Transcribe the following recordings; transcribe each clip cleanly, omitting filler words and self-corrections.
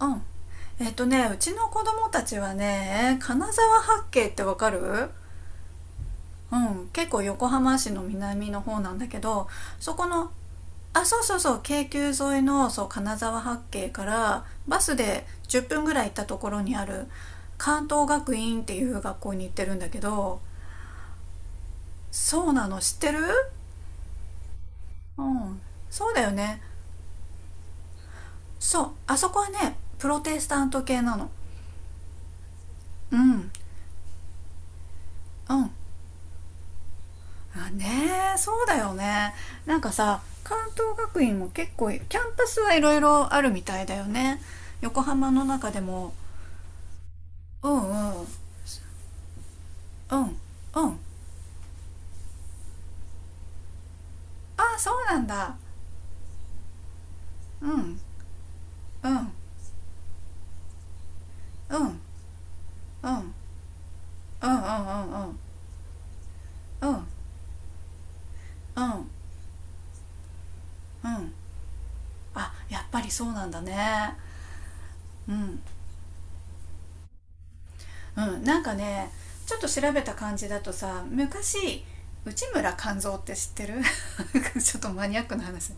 うん。うちの子供たちはね、金沢八景ってわかる？うん。結構横浜市の南の方なんだけど、そこの、あ、そうそうそう、京急沿いの、そう、金沢八景からバスで10分ぐらい行ったところにある関東学院っていう学校に行ってるんだけど。そうなの。知ってる？うん。そうだよね。そう、あそこはね、プロテスタント系なの。うん、うん。あ、ねえ、そうだよね。なんかさ、関東学院も結構キャンパスはいろいろあるみたいだよね。横浜の中でも。うん、うん、うん、うん。あ、そうなんだ。うん、うん、うん、うん、うん、うん、うん、うん、うん、うん、うん。あ、やっぱりそうなんだね。うん、うん。なんかね、ちょっと調べた感じだとさ、昔、内村勘三って知ってる？ ちょっとマニアックな話。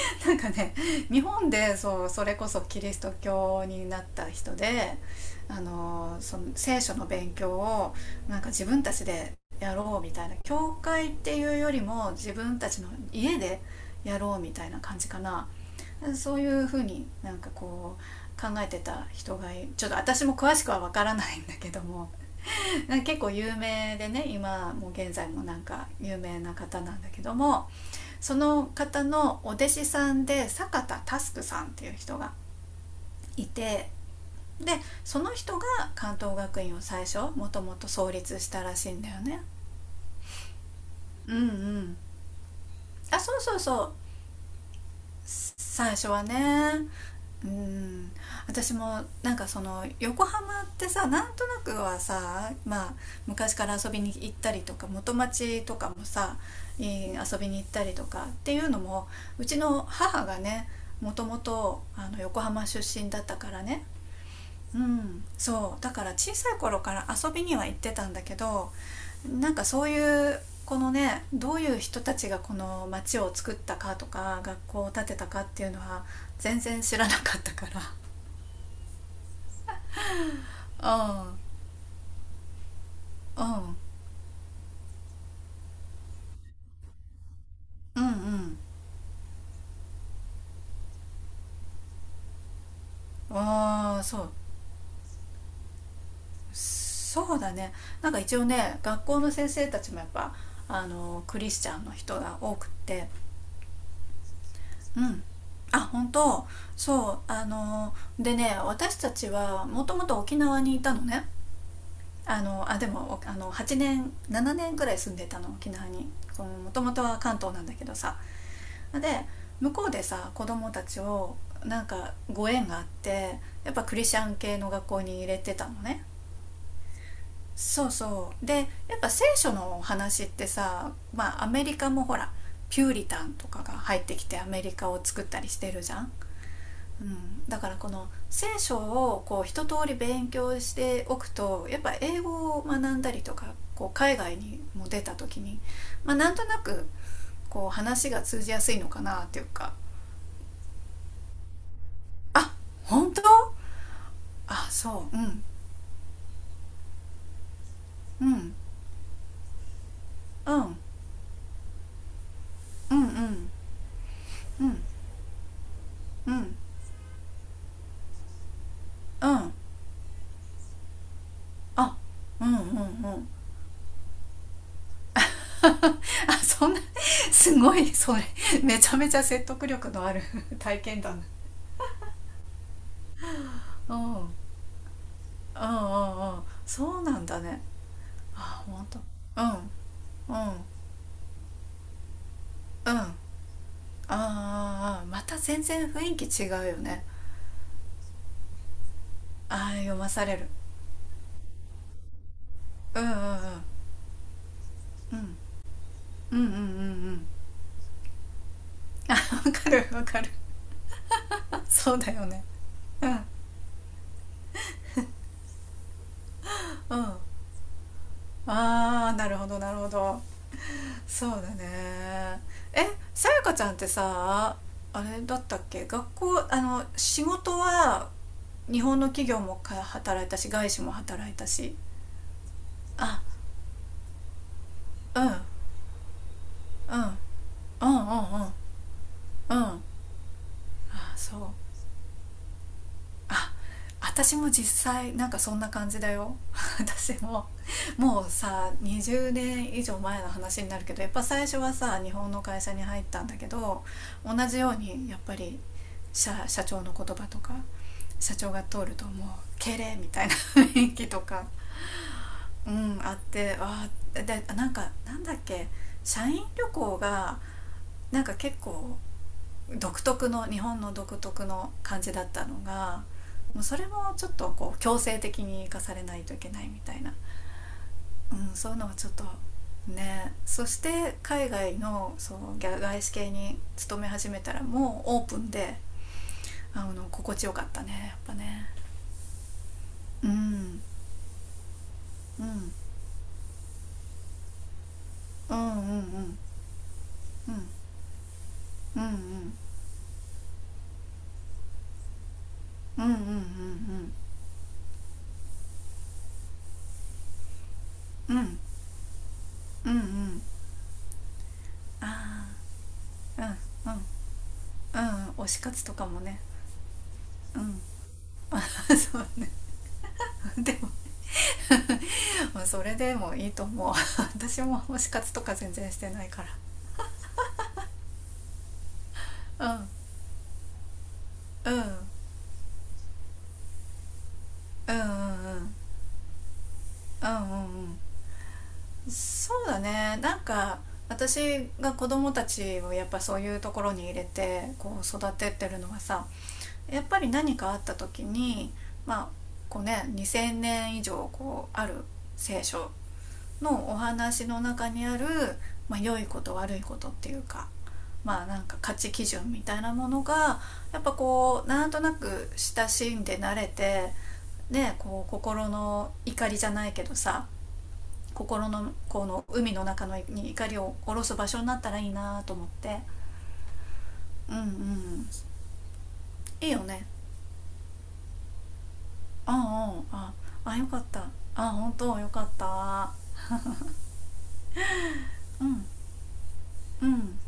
なんかね、日本でそう、それこそキリスト教になった人で、あの、その聖書の勉強を、なんか自分たちでやろうみたいな。教会っていうよりも自分たちの家でやろうみたいな感じかな。そういうふうになんかこう考えてた人がいる。ちょっと私も詳しくはわからないんだけども、なんか 結構有名でね、今もう現在もなんか有名な方なんだけども、その方のお弟子さんで坂田タスクさんっていう人がいて、で、その人が関東学院を最初もともと創立したらしいんだよね。うん、うん。あ、そうそうそう。最初はね。うん。私もなんかその横浜ってさ、なんとなくはさ、まあ、昔から遊びに行ったりとか元町とかもさ、いい、遊びに行ったりとかっていうのも、うちの母がね、もともとあの、横浜出身だったからね。うん、そうだから小さい頃から遊びには行ってたんだけど、なんかそういう、このね、どういう人たちがこの町を作ったかとか学校を建てたかっていうのは、全然知らなかったから。 うん、うん、うん、うん。ああー、そう。そうだね。なんか一応ね、学校の先生たちもやっぱあの、クリスチャンの人が多くって、うん。あ、本当？そう、あのでね、私たちはもともと沖縄にいたのね。あのあでもおあの8年7年ぐらい住んでたの、沖縄に。もともとは関東なんだけどさ、で、向こうでさ子供たちを、なんかご縁があって、やっぱクリスチャン系の学校に入れてたのね。そうそう、でやっぱ聖書のお話ってさ、まあ、アメリカもほら、ピューリタンとかが入ってきてアメリカを作ったりしてるじゃん。うん、だからこの聖書をこう一通り勉強しておくとやっぱ英語を学んだりとか、こう海外にも出た時に、まあ、なんとなく、こう話が通じやすいのかなっていうか。「あ、本当？あ、そう。うん、うん、うん、うん、うん、うん、うん、うん。あ、うん、うん、うん。 あ、そんな、すごいそれ、めちゃめちゃ説得力のある 体験談。うん、うん、うん、うん。そうなんだね。あ、本当？うん、うん、うん。あー、あ、また全然雰囲気違うよね。ああ、読まされる。うん、うん、うん、うん、うん、うん、うん、うん。あ わかるわかる。そうだよね。うん、うん。ああ、なるほどなるほど。そうだね。え、さやかちゃんってさ、あれだったっけ、学校、あの、仕事は、日本の企業もか働いたし、外資も働いたし。あ、うん、うん、うん、うん、うん、うん。ああ、そう。あ、私も実際なんかそんな感じだよ。 私も、もうさ20年以上前の話になるけどやっぱ最初はさ、日本の会社に入ったんだけど、同じようにやっぱり、社長の言葉とか、社長が通るともう、敬礼みたいな雰囲気とか、うん、あって、で、なんか、なんだっけ、社員旅行が、なんか結構、独特の、日本の独特の感じだったのが、もうそれもちょっとこう強制的に生かされないといけないみたいな、うん、そういうのはちょっとね。そして海外のそう外資系に勤め始めたらもうオープンで、あの、心地よかったねやっぱね。うん、うん、うん、うん、うん、うん、うん、うん、うん、うん、うん、うん、うん、うん。ああ、うん、うん、うん、推し活とかもね。うん そうね。でもまあ、それでもいいと思う。 私も推し活とか全然してないから。うん、うん、うん、うん、うん、うん、うん、うん。そうだね。なんか、私が子供たちをやっぱそういうところに入れてこう育てってるのはさ、やっぱり何かあった時に、まあ、こうね、2,000年以上こうある聖書のお話の中にある、まあ、良いこと悪いことっていうか、まあ、なんか価値基準みたいなものが、やっぱこうなんとなく親しんで慣れてね、こう心の怒りじゃないけどさ、心のこの海の中のに怒りを下ろす場所になったらいいなと思って。うん、うん。いいよね。ああ、ああ、ああ、よかった。あ、あ本当よかった。うん、うん。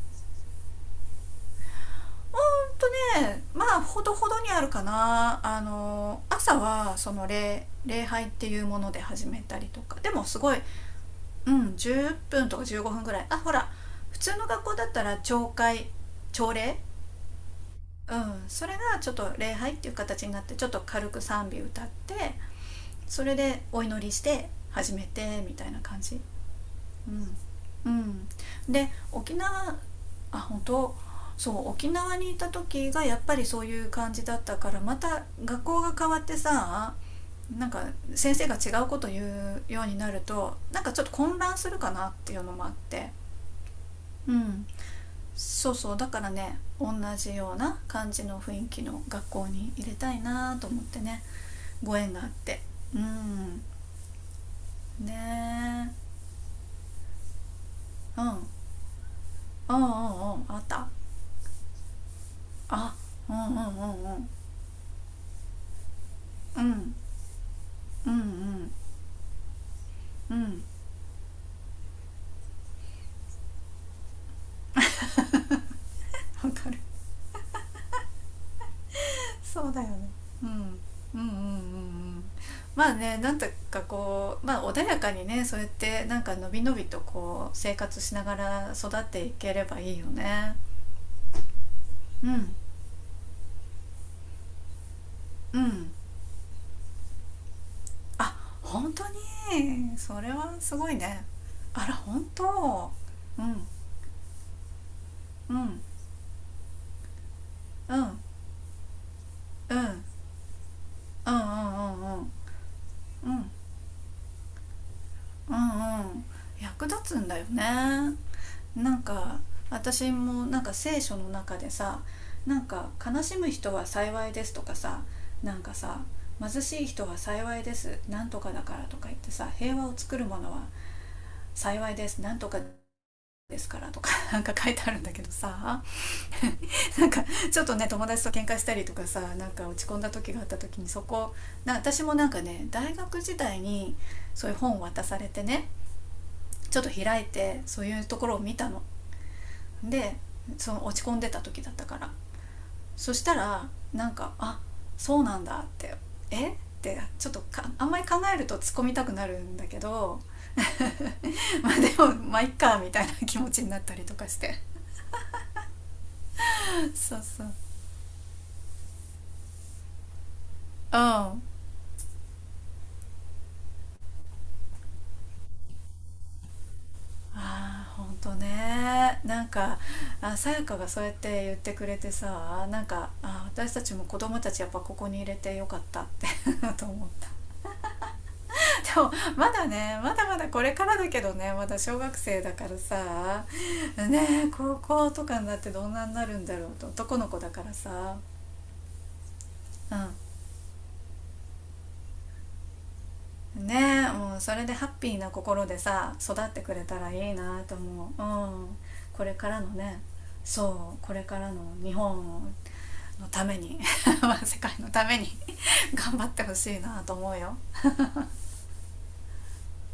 ほんとね、まあ、ほどほどにあるかな。あの、朝はその礼拝っていうもので始めたりとか、でもすごい、うん、10分とか15分ぐらい。あ、ほら普通の学校だったら朝会、朝礼。うん、それがちょっと礼拝っていう形になってちょっと軽く賛美歌って、それでお祈りして始めてみたいな感じ。うん、うん、で沖縄、あ、本当？そう、沖縄にいた時がやっぱりそういう感じだったから、また学校が変わってさ、なんか、先生が違うこと言うようになるとなんかちょっと混乱するかなっていうのもあって。うん、そうそうだからね、同じような感じの雰囲気の学校に入れたいなと思ってね、ご縁があって。うん、ねえ。うん、うん、うん、うん、あった。あ、うん、うん、うん、うん、うん、うん、うん、うん、わかる。 そうだよね、うん、うん、うん、うん、うん。まあね、なんとかこう、まあ、穏やかにね、そうやってなんかのびのびとこう生活しながら育っていければいいよね。うん、うん。あ、本当に？それはすごいね。あら、本当？うん、うん、うん、うん、うん、うん、うん、うん、うん、うん、うん。役立つんだよね。なんか、私もなんか聖書の中でさ、なんか悲しむ人は幸いですとかさ、なんかさ、貧しい人は幸いですなんとかだからとか言ってさ、平和を作るものは幸いですなんとかですからとか なんか書いてあるんだけどさ、なんか、ちょっとね、友達と喧嘩したりとかさ、なんか落ち込んだ時があった時にそこ、私もなんかね大学時代に、そういう本を渡されてね、ちょっと開いてそういうところを見たの。で、その落ち込んでた時だったから、そしたら、なんか、あ、そうなんだって、えっ、てちょっとか、あんまり考えると突っ込みたくなるんだけど、 まあでもまあいっかみたいな気持ちになったりとかして。 そうそう、うん。ああ、ほんとね。なんか、さやかがそうやって言ってくれてさ、なんか、あ、私たちも子供たちやっぱここに入れてよかったって と思った。 でも、まだね、まだまだこれからだけどね、まだ小学生だからさ。ねえ、高校とかになってどんなになるんだろうと。男の子だからさ。うん、ねえ、もうそれでハッピーな心でさ育ってくれたらいいなと思う。うん。これからのね。そう、これからの日本のために、 世界のために、 頑張ってほしいなと思うよ。